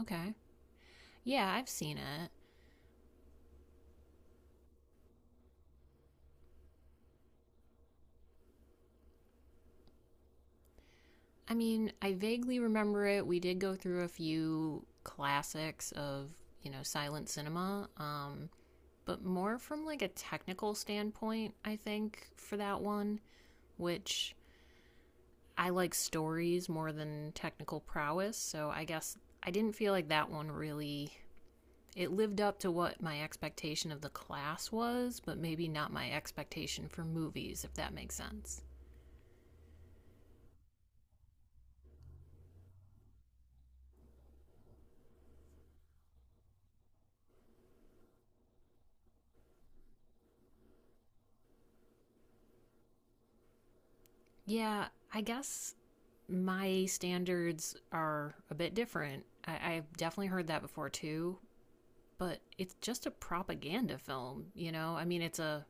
Okay. Yeah, I've seen it. I mean, I vaguely remember it. We did go through a few classics of, you know, silent cinema, but more from like a technical standpoint, I think, for that one, which I like stories more than technical prowess. So I guess I didn't feel like that one really. It lived up to what my expectation of the class was, but maybe not my expectation for movies, if that makes sense. Yeah, I guess my standards are a bit different. I've definitely heard that before too, but it's just a propaganda film, you know? I mean, it's a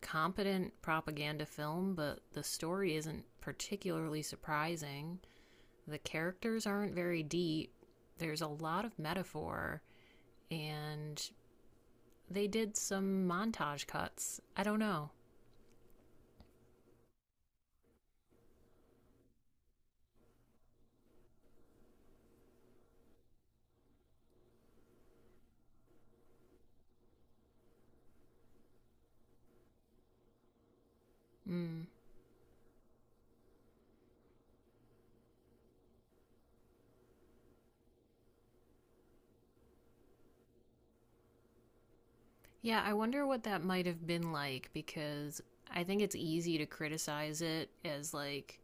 competent propaganda film, but the story isn't particularly surprising. The characters aren't very deep. There's a lot of metaphor, and they did some montage cuts. I don't know. Mm. Yeah, I wonder what that might have been like because I think it's easy to criticize it as like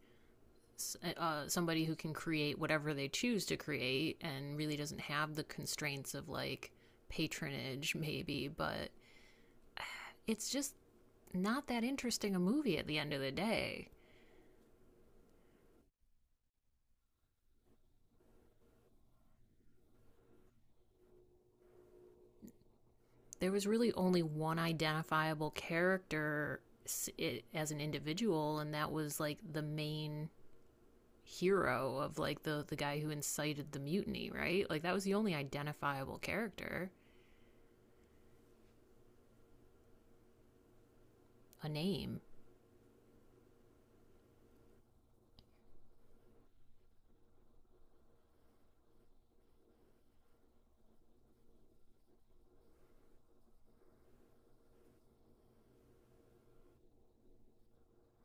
somebody who can create whatever they choose to create and really doesn't have the constraints of like patronage, maybe, but it's just not that interesting a movie at the end of the day. There was really only one identifiable character as an individual, and that was like the main hero of like the guy who incited the mutiny, right? Like that was the only identifiable character, a name.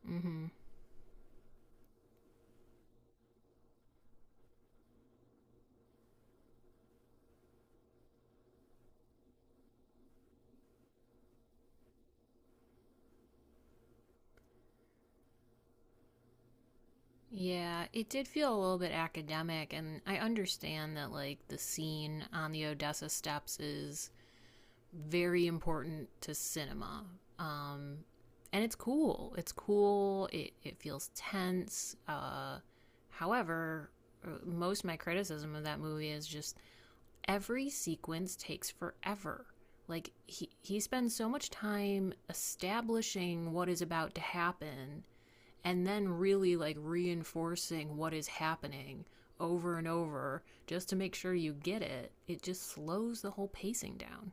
Mhm. Yeah, it did feel a little bit academic and I understand that like the scene on the Odessa steps is very important to cinema. Um and it's cool. It's cool. It feels tense. However, most of my criticism of that movie is just every sequence takes forever. Like he spends so much time establishing what is about to happen and then really like reinforcing what is happening over and over just to make sure you get it. It just slows the whole pacing down.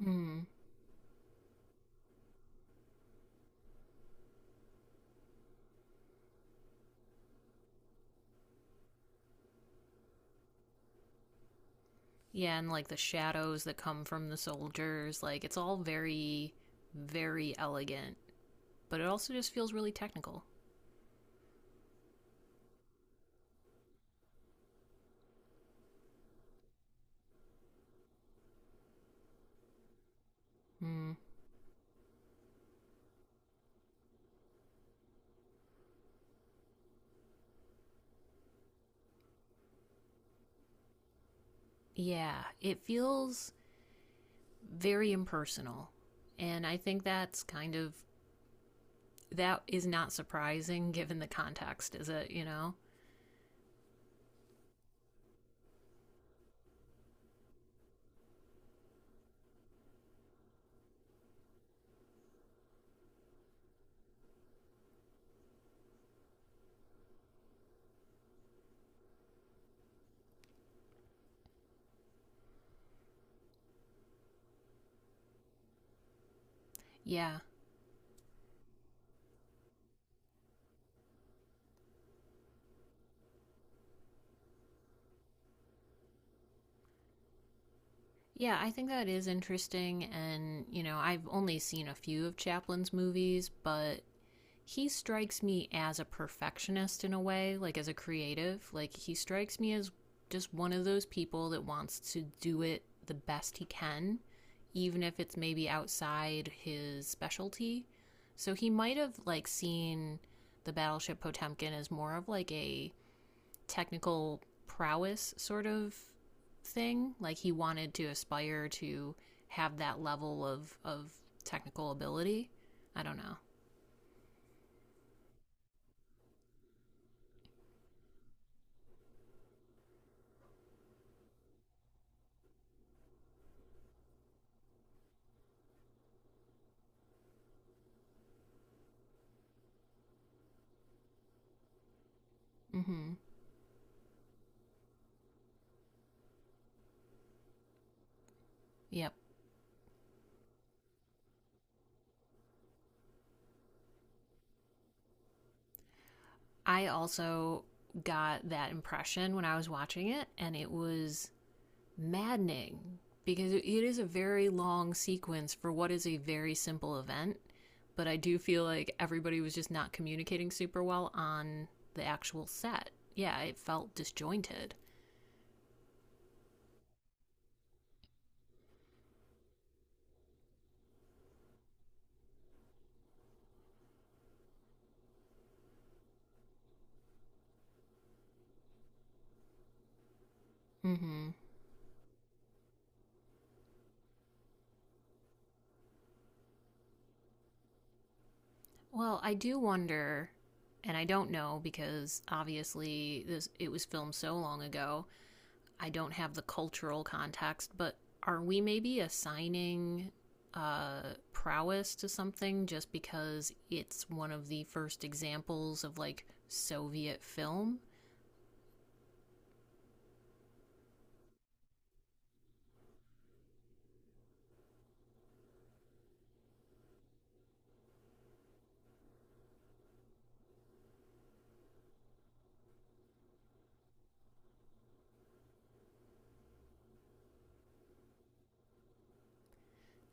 Mm. Yeah, and like the shadows that come from the soldiers, like it's all very very elegant, but it also just feels really technical. Mm. Yeah, it feels very impersonal. And I think that's kind of that is not surprising given the context, is it, you know? Yeah. Yeah, I think that is interesting and, you know, I've only seen a few of Chaplin's movies, but he strikes me as a perfectionist in a way, like as a creative. Like he strikes me as just one of those people that wants to do it the best he can, even if it's maybe outside his specialty. So he might have like seen the Battleship Potemkin as more of like a technical prowess sort of thing. Like he wanted to aspire to have that level of technical ability. I don't know. Mhm. Yep. I also got that impression when I was watching it, and it was maddening because it is a very long sequence for what is a very simple event. But I do feel like everybody was just not communicating super well on the actual set. Yeah, it felt disjointed. Mm-hmm. Well, I do wonder, and I don't know because obviously this it was filmed so long ago, I don't have the cultural context, but are we maybe assigning uh, prowess to something just because it's one of the first examples of like Soviet film?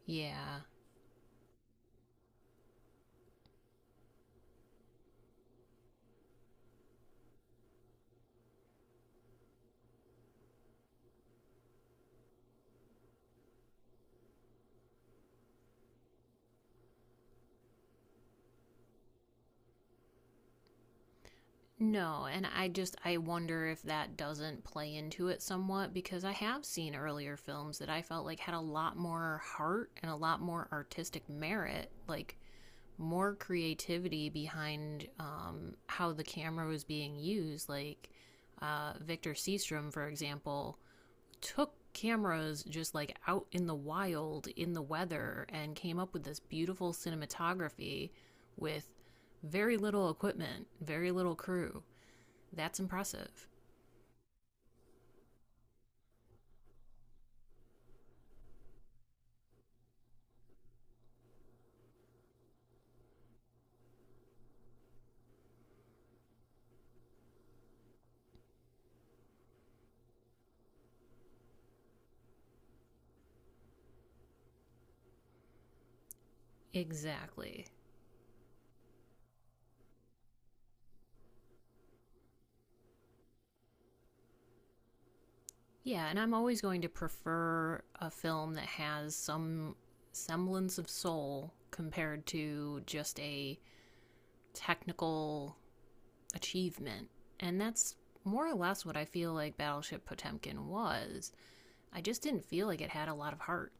Yeah. No, and I just I wonder if that doesn't play into it somewhat because I have seen earlier films that I felt like had a lot more heart and a lot more artistic merit. Like more creativity behind how the camera was being used. Like Victor Seastrom, for example, took cameras just like out in the wild in the weather and came up with this beautiful cinematography with very little equipment, very little crew. That's impressive. Exactly. Yeah, and I'm always going to prefer a film that has some semblance of soul compared to just a technical achievement. And that's more or less what I feel like Battleship Potemkin was. I just didn't feel like it had a lot of heart,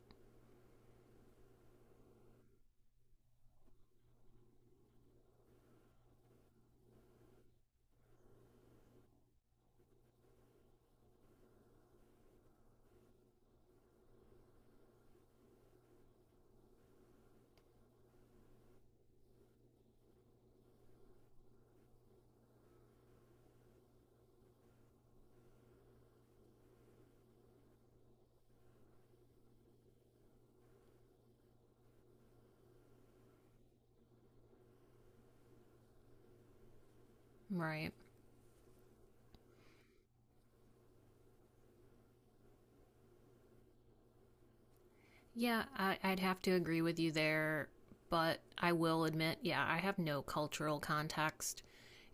right? Yeah, I'd have to agree with you there, but I will admit, yeah, I have no cultural context.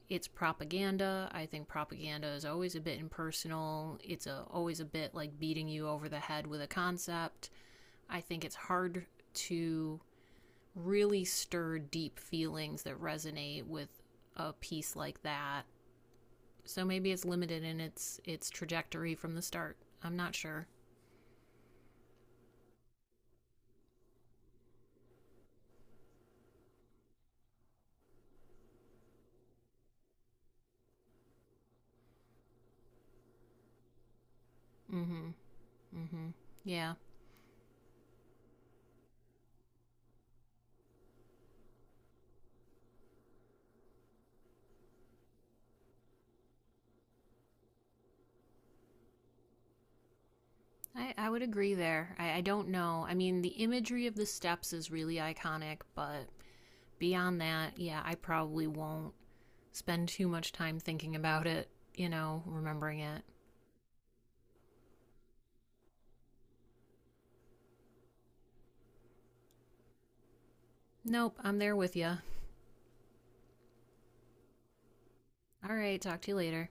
It's propaganda. I think propaganda is always a bit impersonal. It's always a bit like beating you over the head with a concept. I think it's hard to really stir deep feelings that resonate with a piece like that. So maybe it's limited in its trajectory from the start. I'm not sure. Mm-hmm. Mm-hmm. Yeah. I would agree there. I don't know. I mean the imagery of the steps is really iconic, but beyond that, yeah, I probably won't spend too much time thinking about it, you know, remembering it. Nope, I'm there with you. All right, talk to you later.